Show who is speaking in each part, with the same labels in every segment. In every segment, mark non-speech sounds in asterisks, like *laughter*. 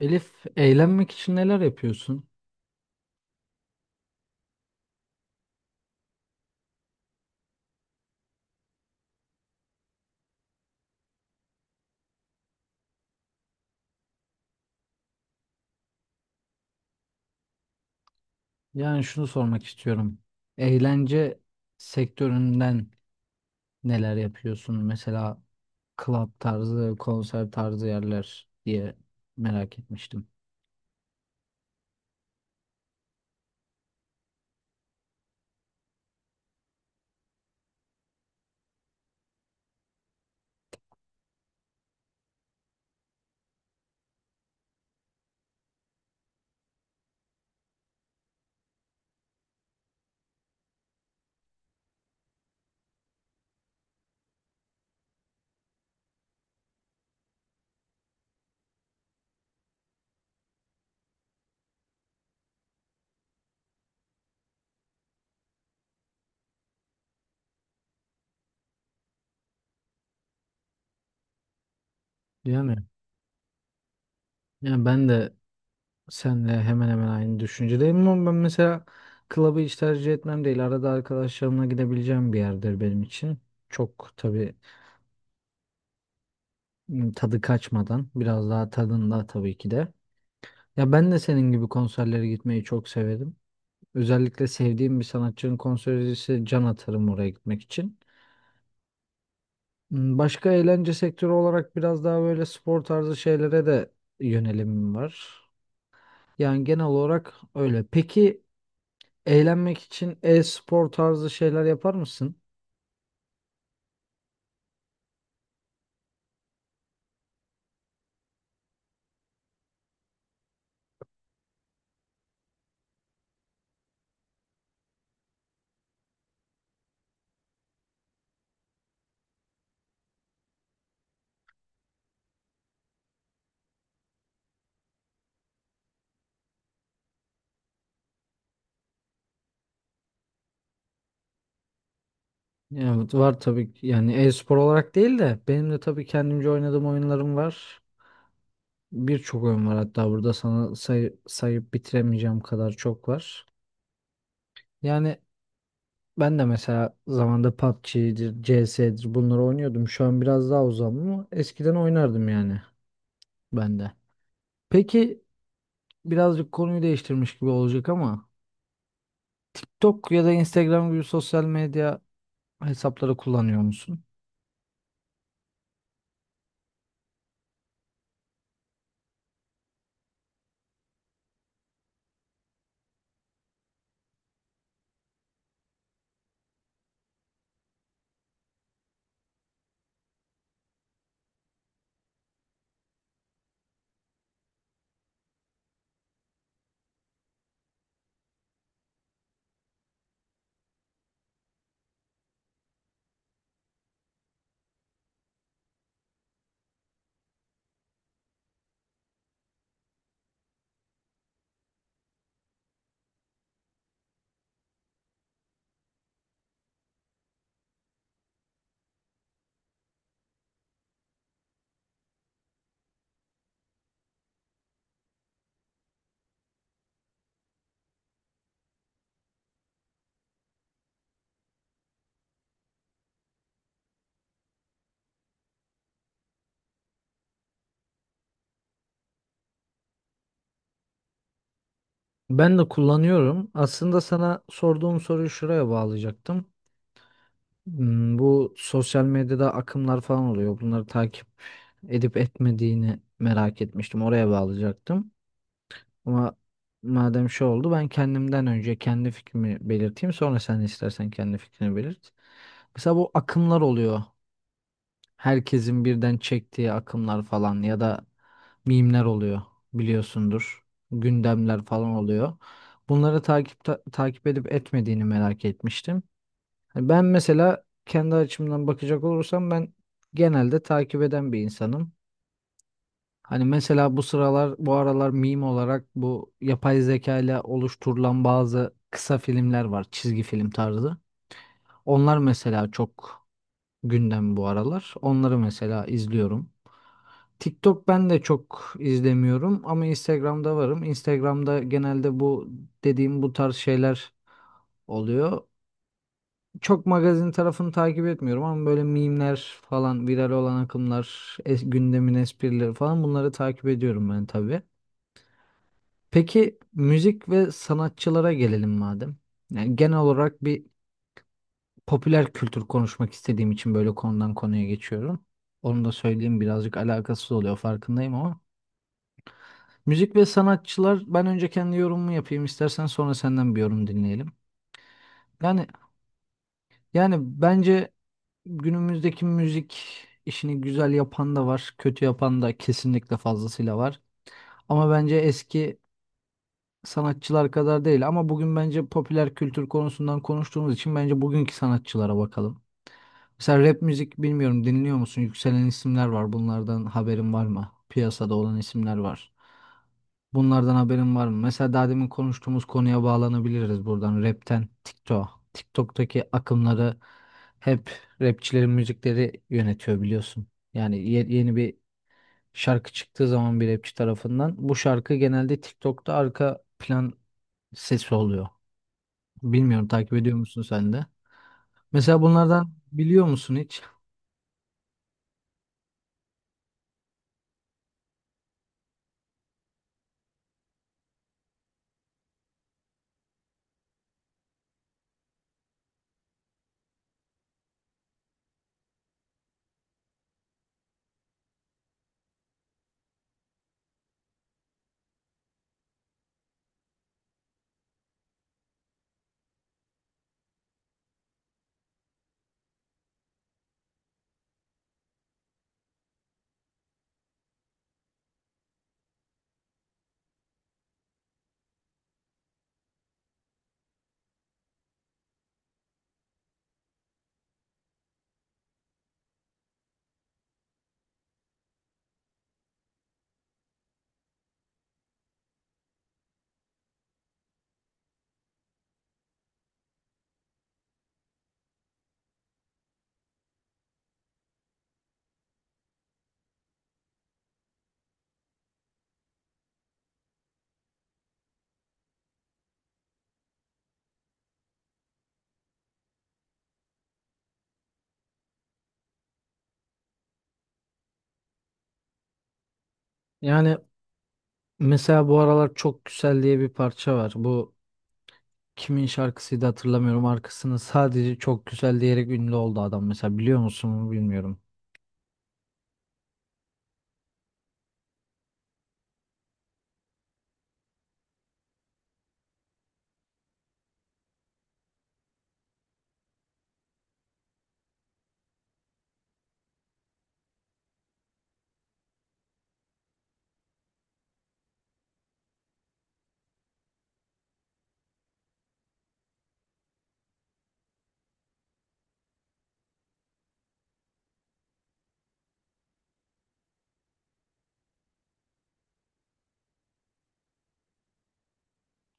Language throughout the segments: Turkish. Speaker 1: Elif, eğlenmek için neler yapıyorsun? Yani şunu sormak istiyorum. Eğlence sektöründen neler yapıyorsun? Mesela club tarzı, konser tarzı yerler diye merak etmiştim. Değil mi? Yani ben de senle hemen hemen aynı düşüncedeyim ama ben mesela club'ı hiç tercih etmem değil. Arada arkadaşlarımla gidebileceğim bir yerdir benim için. Çok tabii tadı kaçmadan, biraz daha tadında tabii ki de. Ya ben de senin gibi konserlere gitmeyi çok severim. Özellikle sevdiğim bir sanatçının konseri ise can atarım oraya gitmek için. Başka eğlence sektörü olarak biraz daha böyle spor tarzı şeylere de yönelimim var. Yani genel olarak öyle. Peki eğlenmek için e-spor tarzı şeyler yapar mısın? Evet var tabii ki. Yani e-spor olarak değil de benim de tabii kendimce oynadığım oyunlarım var. Birçok oyun var hatta burada sana sayıp bitiremeyeceğim kadar çok var. Yani ben de mesela zamanda PUBG'dir, CS'dir bunları oynuyordum. Şu an biraz daha uzağım ama eskiden oynardım yani ben de. Peki birazcık konuyu değiştirmiş gibi olacak ama TikTok ya da Instagram gibi sosyal medya hesapları kullanıyor musun? Ben de kullanıyorum. Aslında sana sorduğum soruyu şuraya bağlayacaktım. Bu sosyal medyada akımlar falan oluyor. Bunları takip edip etmediğini merak etmiştim. Oraya bağlayacaktım. Ama madem şey oldu ben kendimden önce kendi fikrimi belirteyim. Sonra sen istersen kendi fikrini belirt. Mesela bu akımlar oluyor. Herkesin birden çektiği akımlar falan ya da mimler oluyor biliyorsundur. Gündemler falan oluyor. Bunları takip edip etmediğini merak etmiştim. Hani ben mesela kendi açımdan bakacak olursam ben genelde takip eden bir insanım. Hani mesela bu sıralar bu aralar meme olarak bu yapay zeka ile oluşturulan bazı kısa filmler var. Çizgi film tarzı. Onlar mesela çok gündem bu aralar. Onları mesela izliyorum. TikTok ben de çok izlemiyorum ama Instagram'da varım. Instagram'da genelde bu dediğim bu tarz şeyler oluyor. Çok magazin tarafını takip etmiyorum ama böyle meme'ler falan, viral olan akımlar, gündemin esprileri falan bunları takip ediyorum ben tabii. Peki müzik ve sanatçılara gelelim madem. Yani genel olarak bir popüler kültür konuşmak istediğim için böyle konudan konuya geçiyorum. Onu da söyleyeyim birazcık alakasız oluyor farkındayım ama. Müzik ve sanatçılar ben önce kendi yorumumu yapayım istersen sonra senden bir yorum dinleyelim. Yani yani bence günümüzdeki müzik işini güzel yapan da var, kötü yapan da kesinlikle fazlasıyla var. Ama bence eski sanatçılar kadar değil ama bugün bence popüler kültür konusundan konuştuğumuz için bence bugünkü sanatçılara bakalım. Mesela rap müzik bilmiyorum dinliyor musun? Yükselen isimler var. Bunlardan haberin var mı? Piyasada olan isimler var. Bunlardan haberin var mı? Mesela daha demin konuştuğumuz konuya bağlanabiliriz buradan. Rap'ten TikTok. TikTok'taki akımları hep rapçilerin müzikleri yönetiyor biliyorsun. Yani yeni bir şarkı çıktığı zaman bir rapçi tarafından bu şarkı genelde TikTok'ta arka plan sesi oluyor. Bilmiyorum takip ediyor musun sen de? Mesela bunlardan biliyor musun hiç? Yani mesela bu aralar çok güzel diye bir parça var. Bu kimin şarkısıydı hatırlamıyorum. Arkasını sadece çok güzel diyerek ünlü oldu adam mesela biliyor musun bilmiyorum.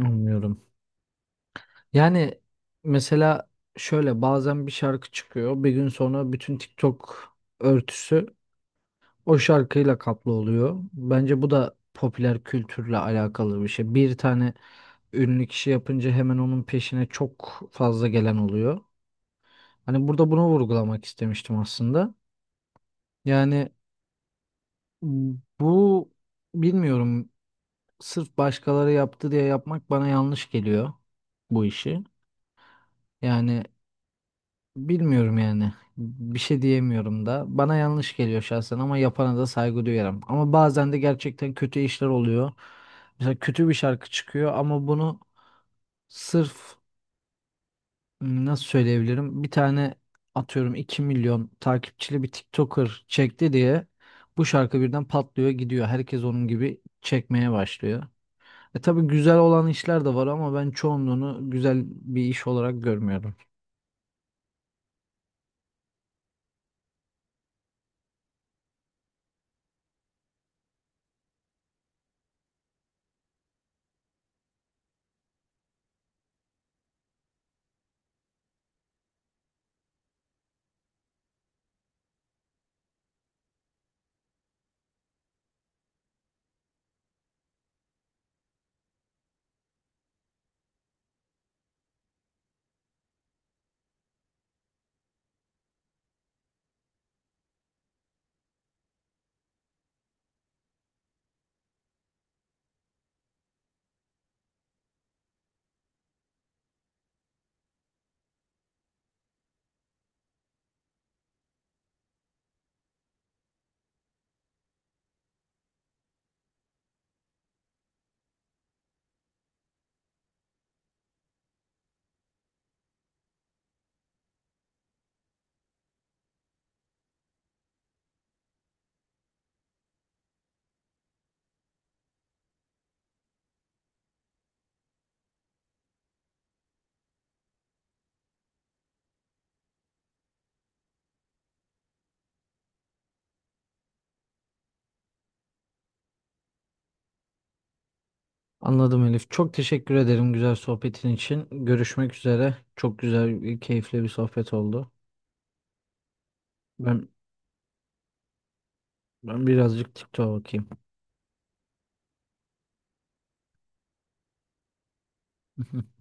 Speaker 1: Anlıyorum. Yani mesela şöyle bazen bir şarkı çıkıyor. Bir gün sonra bütün TikTok örtüsü o şarkıyla kaplı oluyor. Bence bu da popüler kültürle alakalı bir şey. Bir tane ünlü kişi yapınca hemen onun peşine çok fazla gelen oluyor. Hani burada bunu vurgulamak istemiştim aslında. Yani bu bilmiyorum sırf başkaları yaptı diye yapmak bana yanlış geliyor bu işi. Yani bilmiyorum yani. Bir şey diyemiyorum da. Bana yanlış geliyor şahsen ama yapana da saygı duyarım. Ama bazen de gerçekten kötü işler oluyor. Mesela kötü bir şarkı çıkıyor ama bunu sırf nasıl söyleyebilirim? Bir tane atıyorum 2.000.000 takipçili bir TikToker çekti diye bu şarkı birden patlıyor gidiyor. Herkes onun gibi çekmeye başlıyor. E tabii güzel olan işler de var ama ben çoğunluğunu güzel bir iş olarak görmüyorum. Anladım Elif. Çok teşekkür ederim güzel sohbetin için. Görüşmek üzere. Çok güzel, keyifli bir sohbet oldu. Ben ben birazcık TikTok'a bakayım. *laughs*